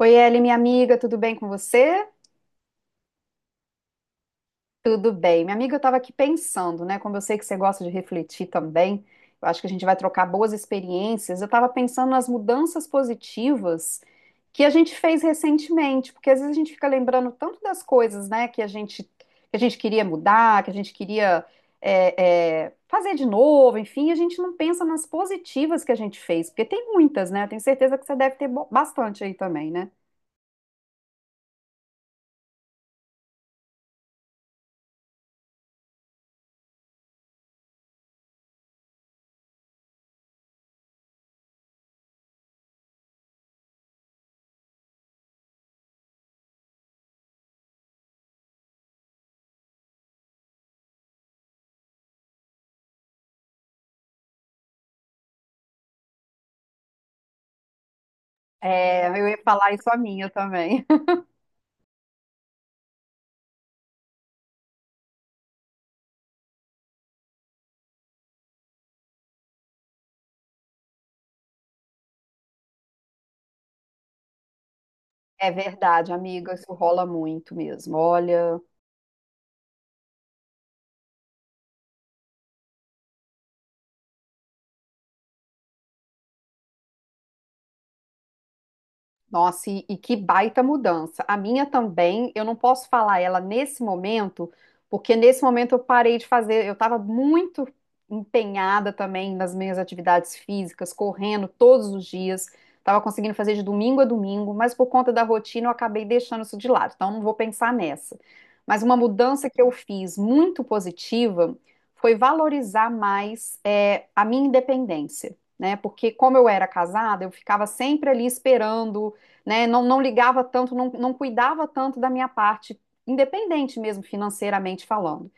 Oi, Eli, minha amiga, tudo bem com você? Tudo bem. Minha amiga, eu estava aqui pensando, né? Como eu sei que você gosta de refletir também, eu acho que a gente vai trocar boas experiências. Eu estava pensando nas mudanças positivas que a gente fez recentemente, porque às vezes a gente fica lembrando tanto das coisas, né, que a gente queria mudar, que a gente queria fazer de novo, enfim, a gente não pensa nas positivas que a gente fez, porque tem muitas, né? Eu tenho certeza que você deve ter bastante aí também, né? É, eu ia falar isso a minha também. É verdade, amiga, isso rola muito mesmo. Olha. Nossa, e que baita mudança. A minha também, eu não posso falar ela nesse momento, porque nesse momento eu parei de fazer, eu estava muito empenhada também nas minhas atividades físicas, correndo todos os dias, estava conseguindo fazer de domingo a domingo, mas por conta da rotina eu acabei deixando isso de lado, então não vou pensar nessa. Mas uma mudança que eu fiz muito positiva foi valorizar mais a minha independência, né? Porque como eu era casada, eu ficava sempre ali esperando né? Não ligava tanto, não cuidava tanto da minha parte, independente mesmo financeiramente falando.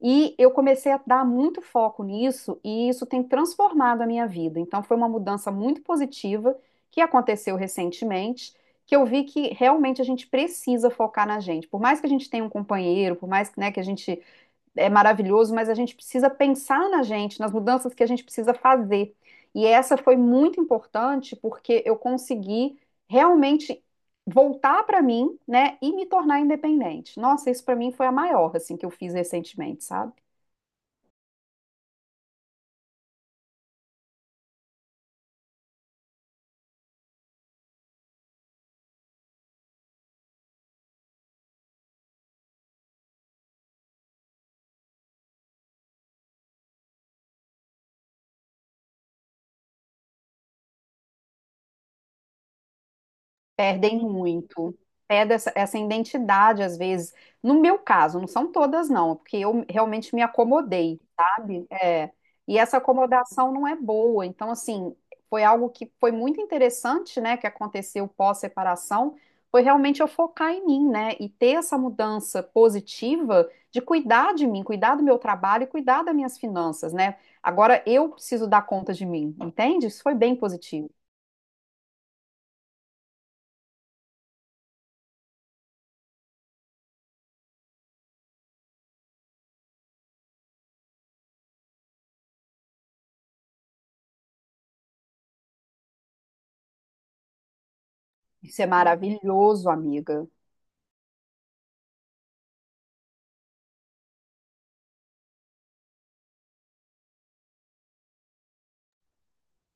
E eu comecei a dar muito foco nisso, e isso tem transformado a minha vida. Então, foi uma mudança muito positiva que aconteceu recentemente, que eu vi que realmente a gente precisa focar na gente. Por mais que a gente tenha um companheiro, por mais, né, que a gente é maravilhoso, mas a gente precisa pensar na gente, nas mudanças que a gente precisa fazer. E essa foi muito importante porque eu consegui realmente voltar para mim, né, e me tornar independente. Nossa, isso para mim foi a maior assim que eu fiz recentemente, sabe? Perdem muito. Perde essa identidade, às vezes. No meu caso, não são todas, não, porque eu realmente me acomodei, sabe? É. E essa acomodação não é boa. Então, assim, foi algo que foi muito interessante, né, que aconteceu pós-separação, foi realmente eu focar em mim, né, e ter essa mudança positiva de cuidar de mim, cuidar do meu trabalho e cuidar das minhas finanças, né? Agora eu preciso dar conta de mim, entende? Isso foi bem positivo. Isso é maravilhoso, amiga.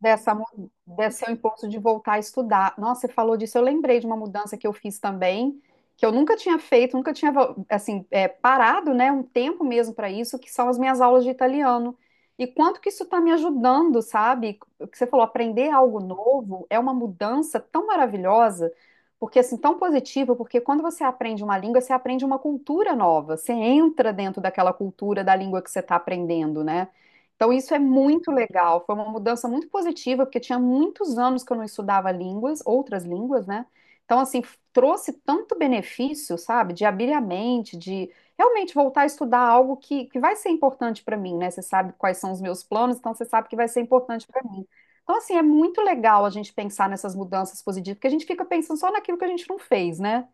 Desse seu impulso de voltar a estudar. Nossa, você falou disso, eu lembrei de uma mudança que eu fiz também, que eu nunca tinha feito, nunca tinha, assim, parado, né, um tempo mesmo para isso, que são as minhas aulas de italiano. E quanto que isso está me ajudando, sabe? O que você falou, aprender algo novo é uma mudança tão maravilhosa, porque assim, tão positiva, porque quando você aprende uma língua, você aprende uma cultura nova, você entra dentro daquela cultura da língua que você está aprendendo, né? Então, isso é muito legal. Foi uma mudança muito positiva, porque tinha muitos anos que eu não estudava línguas, outras línguas, né? Então, assim, trouxe tanto benefício, sabe? De abrir a mente, de realmente voltar a estudar algo que vai ser importante para mim, né? Você sabe quais são os meus planos, então você sabe que vai ser importante para mim. Então, assim, é muito legal a gente pensar nessas mudanças positivas, porque a gente fica pensando só naquilo que a gente não fez, né?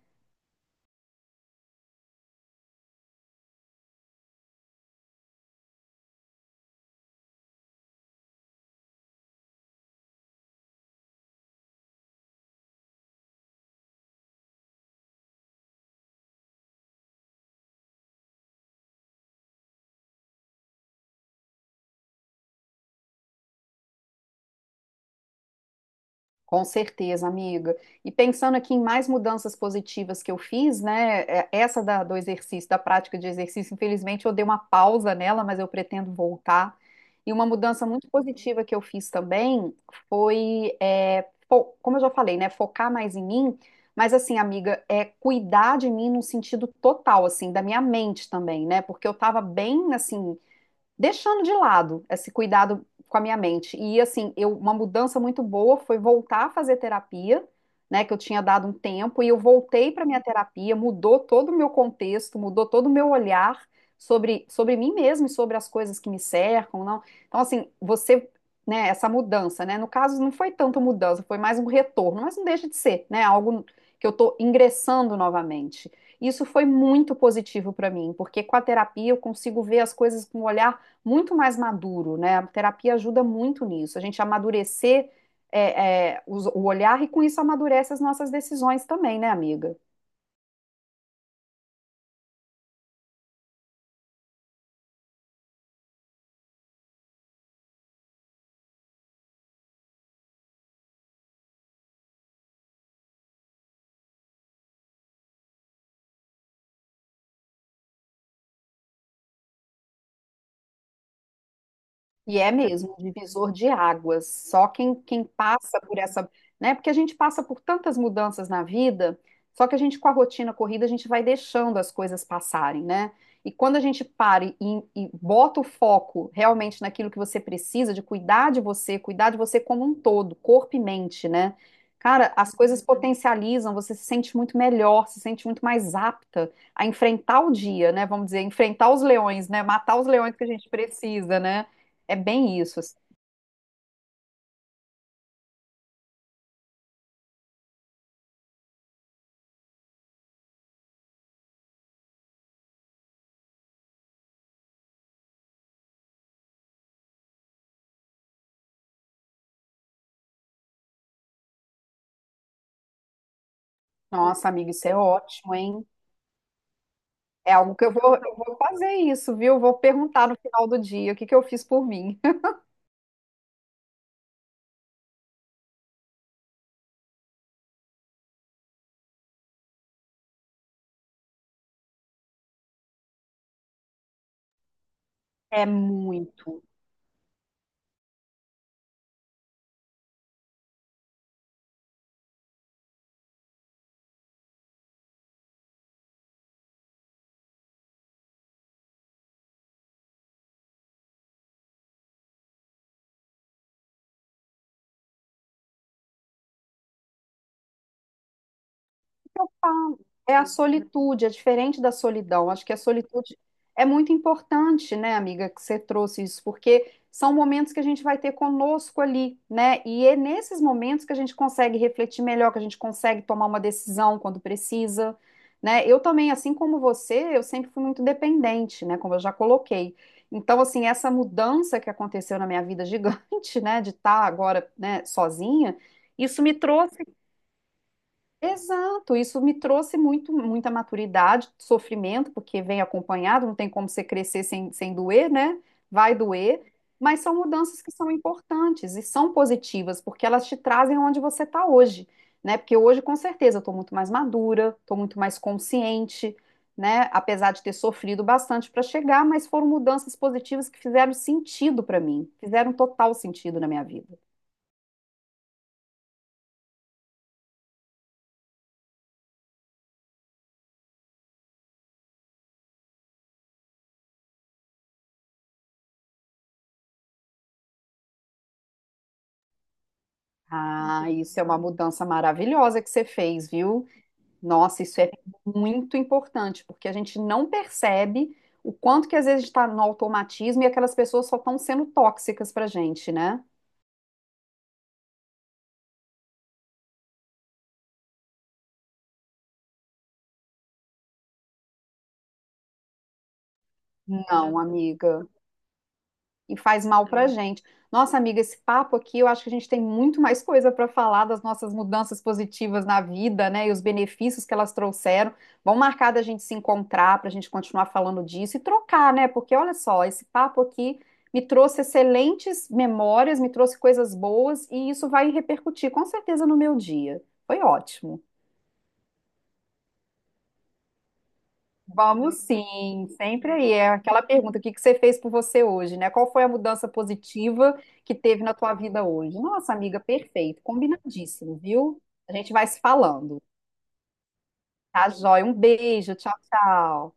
Com certeza, amiga. E pensando aqui em mais mudanças positivas que eu fiz, né? Essa do exercício, da prática de exercício, infelizmente eu dei uma pausa nela, mas eu pretendo voltar. E uma mudança muito positiva que eu fiz também foi, como eu já falei, né? Focar mais em mim, mas assim, amiga, é cuidar de mim num sentido total, assim, da minha mente também, né? Porque eu tava bem, assim deixando de lado esse cuidado com a minha mente. E assim, uma mudança muito boa foi voltar a fazer terapia, né, que eu tinha dado um tempo, e eu voltei para minha terapia, mudou todo o meu contexto, mudou todo o meu olhar sobre mim mesmo e sobre as coisas que me cercam, não. Então assim, você né, essa mudança, né? No caso, não foi tanto mudança, foi mais um retorno, mas não deixa de ser, né? Algo que eu estou ingressando novamente. Isso foi muito positivo para mim, porque com a terapia eu consigo ver as coisas com um olhar muito mais maduro, né? A terapia ajuda muito nisso, a gente amadurecer o olhar e com isso amadurece as nossas decisões também, né, amiga? E é mesmo, um divisor de águas. Só quem passa por essa, né? Porque a gente passa por tantas mudanças na vida, só que a gente com a rotina corrida, a gente vai deixando as coisas passarem, né? E quando a gente para e bota o foco realmente naquilo que você precisa, de cuidar de você como um todo, corpo e mente, né? Cara, as coisas potencializam, você se sente muito melhor, se sente muito mais apta a enfrentar o dia, né? Vamos dizer, enfrentar os leões, né? Matar os leões que a gente precisa, né? É bem isso, assim. Nossa, amiga, isso é ótimo, hein? É algo que eu vou fazer isso, viu? Vou perguntar no final do dia o que que eu fiz por mim. É muito. É a solitude, é diferente da solidão. Acho que a solitude é muito importante, né, amiga, que você trouxe isso, porque são momentos que a gente vai ter conosco ali, né? E é nesses momentos que a gente consegue refletir melhor, que a gente consegue tomar uma decisão quando precisa, né? Eu também, assim como você, eu sempre fui muito dependente, né, como eu já coloquei. Então, assim, essa mudança que aconteceu na minha vida gigante, né, de estar agora, né, sozinha, isso me trouxe Exato, isso me trouxe muito, muita maturidade, sofrimento, porque vem acompanhado, não tem como você crescer sem doer, né? Vai doer, mas são mudanças que são importantes e são positivas, porque elas te trazem onde você está hoje, né? Porque hoje, com certeza, eu estou muito mais madura, estou muito mais consciente, né? Apesar de ter sofrido bastante para chegar, mas foram mudanças positivas que fizeram sentido para mim, fizeram total sentido na minha vida. Ah, isso é uma mudança maravilhosa que você fez, viu? Nossa, isso é muito importante, porque a gente não percebe o quanto que às vezes está no automatismo e aquelas pessoas só estão sendo tóxicas para gente, né? Não, amiga. E faz mal pra gente. Nossa, amiga, esse papo aqui, eu acho que a gente tem muito mais coisa para falar das nossas mudanças positivas na vida, né? E os benefícios que elas trouxeram. Vamos marcar da gente se encontrar para a gente continuar falando disso e trocar, né? Porque olha só, esse papo aqui me trouxe excelentes memórias, me trouxe coisas boas e isso vai repercutir com certeza no meu dia. Foi ótimo. Vamos sim, sempre aí. É aquela pergunta, o que que você fez por você hoje, né? Qual foi a mudança positiva que teve na tua vida hoje? Nossa, amiga, perfeito, combinadíssimo, viu? A gente vai se falando. Tá, joia? Um beijo, tchau, tchau.